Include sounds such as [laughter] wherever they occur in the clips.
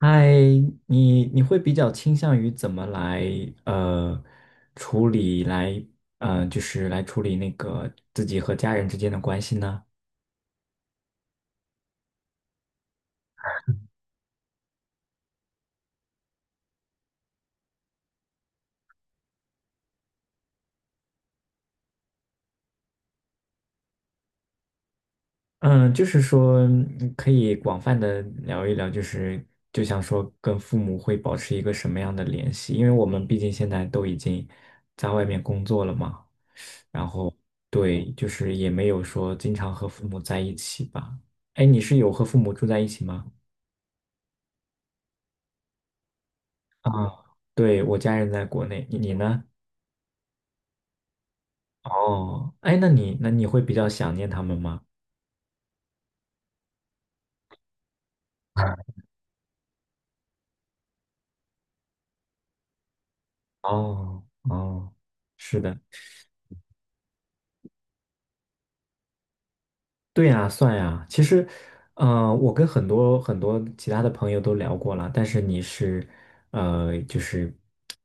嗨，你会比较倾向于怎么来呃处理来就是来处理那个自己和家人之间的关系呢？嗯，就是说可以广泛的聊一聊，就是就像说跟父母会保持一个什么样的联系？因为我们毕竟现在都已经在外面工作了嘛，然后对，就是也没有说经常和父母在一起吧。哎，你是有和父母住在一起吗？啊，对，我家人在国内，你呢？哦，哎，那你会比较想念他们吗？[laughs] 哦哦，是的，对呀，算呀。其实，我跟很多其他的朋友都聊过了，但是你是，就是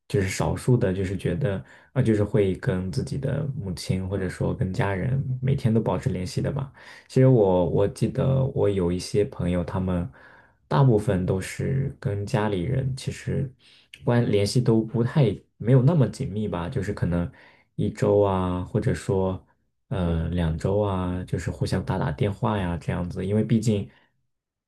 就是少数的，就是觉得啊、就是会跟自己的母亲或者说跟家人每天都保持联系的吧。其实我记得我有一些朋友，他们大部分都是跟家里人其实关联系都不太没有那么紧密吧，就是可能一周啊，或者说两周啊，就是互相打打电话呀这样子，因为毕竟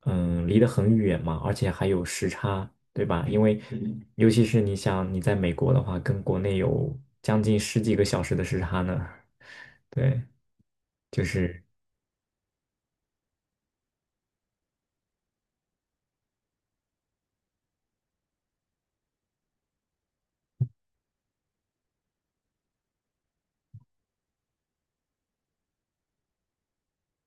离得很远嘛，而且还有时差，对吧？因为尤其是你想你在美国的话，跟国内有将近十几个小时的时差呢，对。就是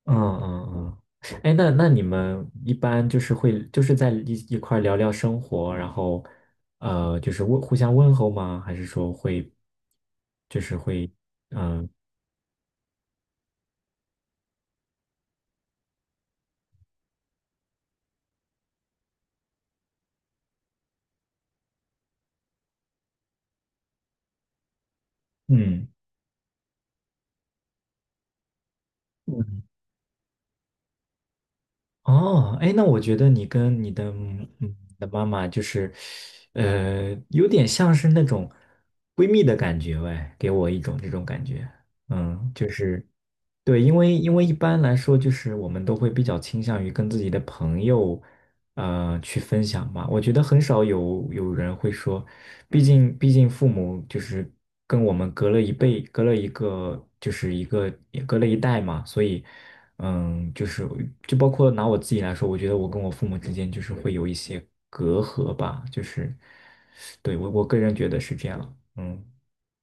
嗯嗯嗯，哎，那那你们一般就是会就是在一块儿聊聊生活，然后就是问互相问候吗？还是说会就是会嗯嗯哦，哎，那我觉得你跟你的你的妈妈就是，有点像是那种闺蜜的感觉，喂，给我一种这种感觉，嗯，就是对，因为因为一般来说就是我们都会比较倾向于跟自己的朋友。去分享吧。我觉得很少有人会说，毕竟父母就是跟我们隔了一辈，隔了一个就是一个也隔了一代嘛，所以嗯，就是就包括拿我自己来说，我觉得我跟我父母之间就是会有一些隔阂吧，就是对我个人觉得是这样，嗯。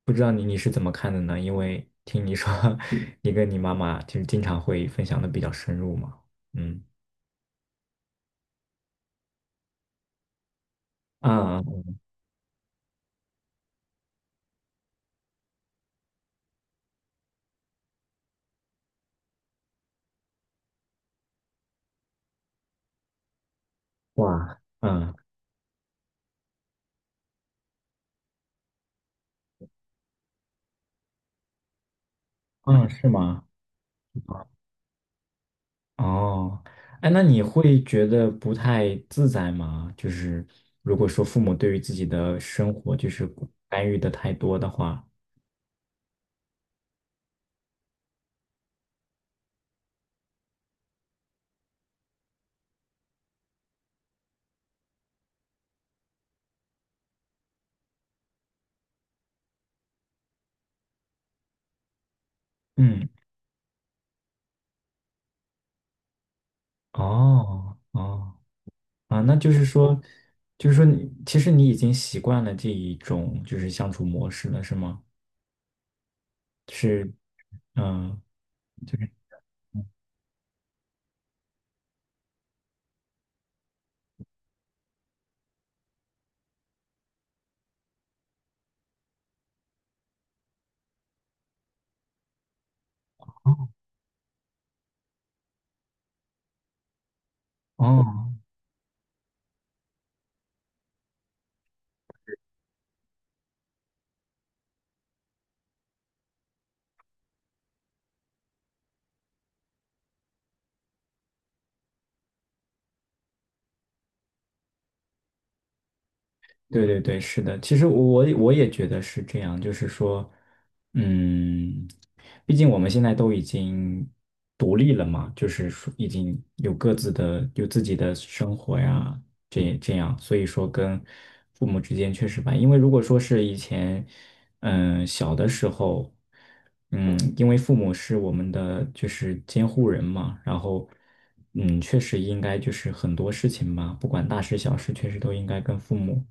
不知道你是怎么看的呢？因为听你说，[laughs] 你跟你妈妈就是经常会分享的比较深入嘛。嗯，啊哇，嗯嗯，是吗？哦，哎，那你会觉得不太自在吗？就是如果说父母对于自己的生活就是干预的太多的话，嗯，哦哦啊，那就是说，就是说你其实你已经习惯了这一种就是相处模式了，是吗？是，嗯，就是哦。对对对，是的，其实我也觉得是这样，就是说，嗯，毕竟我们现在都已经独立了嘛，就是说已经有各自的有自己的生活呀，这这样，所以说跟父母之间确实吧，因为如果说是以前，嗯，小的时候，嗯，因为父母是我们的就是监护人嘛，然后。嗯，确实应该就是很多事情吧，不管大事小事，确实都应该跟父母。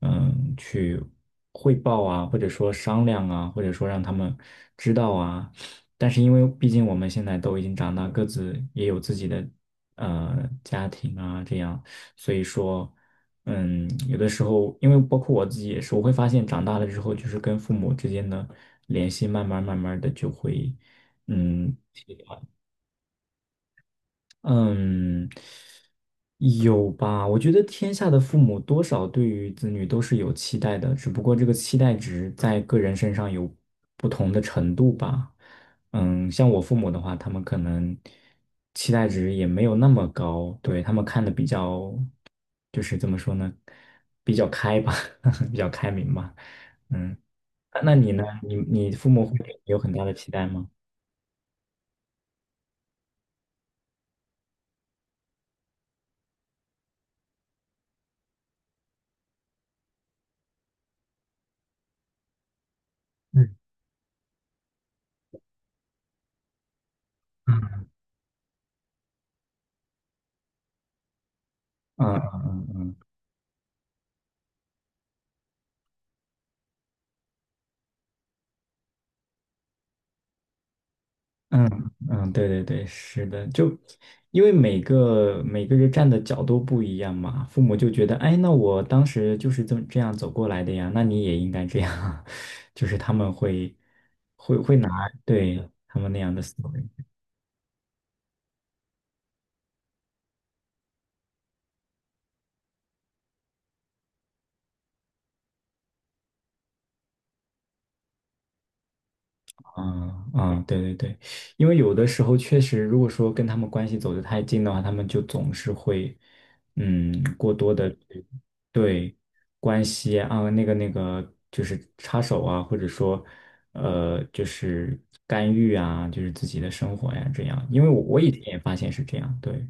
嗯，去汇报啊，或者说商量啊，或者说让他们知道啊。但是因为毕竟我们现在都已经长大，各自也有自己的家庭啊，这样，所以说，嗯，有的时候，因为包括我自己也是，我会发现长大了之后，就是跟父母之间的联系，慢慢的就会，嗯。嗯，有吧？我觉得天下的父母多少对于子女都是有期待的，只不过这个期待值在个人身上有不同的程度吧。嗯，像我父母的话，他们可能期待值也没有那么高，对，他们看的比较，就是怎么说呢，比较开吧，[laughs] 比较开明吧。嗯，那那你呢？你你父母会对你有很大的期待吗？嗯。嗯嗯嗯嗯。嗯嗯，对对对，是的，就因为每个人站的角度不一样嘛，父母就觉得，哎，那我当时就是这么这样走过来的呀，那你也应该这样，[laughs] 就是他们会会拿对他们那样的思维。嗯嗯，对对对，因为有的时候确实，如果说跟他们关系走得太近的话，他们就总是会，嗯，过多的对关系啊，那个，就是插手啊，或者说，就是干预啊，就是自己的生活呀，这样。因为我以前也发现是这样，对，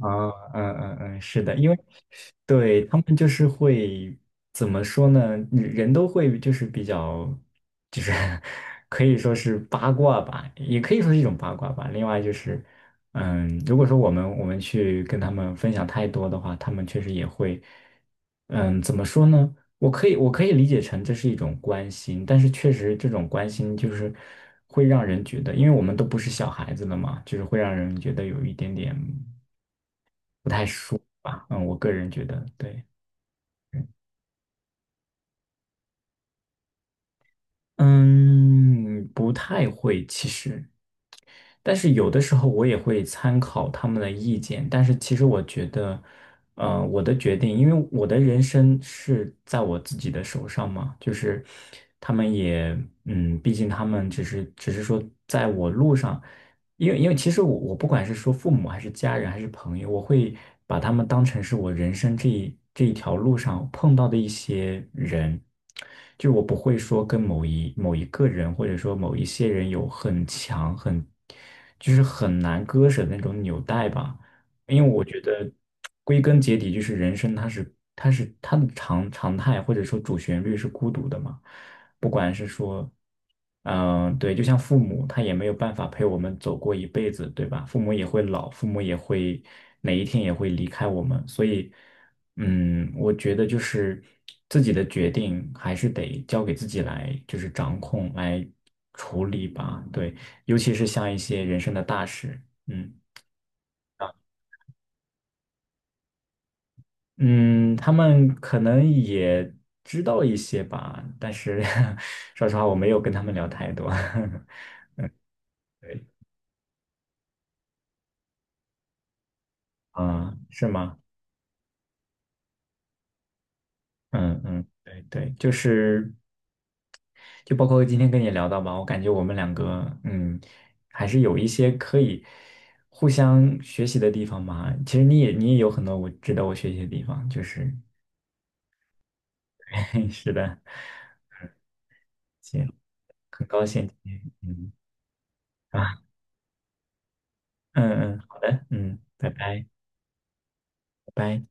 啊，嗯嗯嗯，是的，因为对他们就是会怎么说呢？人都会就是比较，就是 [laughs] 可以说是八卦吧，也可以说是一种八卦吧。另外就是，嗯，如果说我们去跟他们分享太多的话，他们确实也会，嗯，怎么说呢？我可以理解成这是一种关心，但是确实这种关心就是会让人觉得，因为我们都不是小孩子了嘛，就是会让人觉得有一点点。不太熟吧。嗯，我个人觉得对，嗯，不太会其实，但是有的时候我也会参考他们的意见，但是其实我觉得，我的决定，因为我的人生是在我自己的手上嘛，就是他们也，嗯，毕竟他们只是说在我路上。因为因为其实我我不管是说父母还是家人还是朋友，我会把他们当成是我人生这一条路上碰到的一些人，就我不会说跟某一个人或者说某一些人有很强很就是很难割舍的那种纽带吧，因为我觉得归根结底就是人生它是它的常态或者说主旋律是孤独的嘛。不管是说，嗯，对，就像父母，他也没有办法陪我们走过一辈子，对吧？父母也会老，父母也会哪一天也会离开我们，所以，嗯，我觉得就是自己的决定还是得交给自己来，就是掌控来处理吧，对，尤其是像一些人生的大事，嗯。嗯，他们可能也知道一些吧，但是 [laughs] 说实话，我没有跟他们聊太多。[laughs] 对啊，是吗？嗯嗯，对对，就是就包括今天跟你聊到吧，我感觉我们两个嗯，还是有一些可以互相学习的地方嘛。其实你也有很多我值得我学习的地方，就是 [laughs] 是的，行，很高兴今天嗯啊嗯嗯，好的，嗯，拜拜拜拜。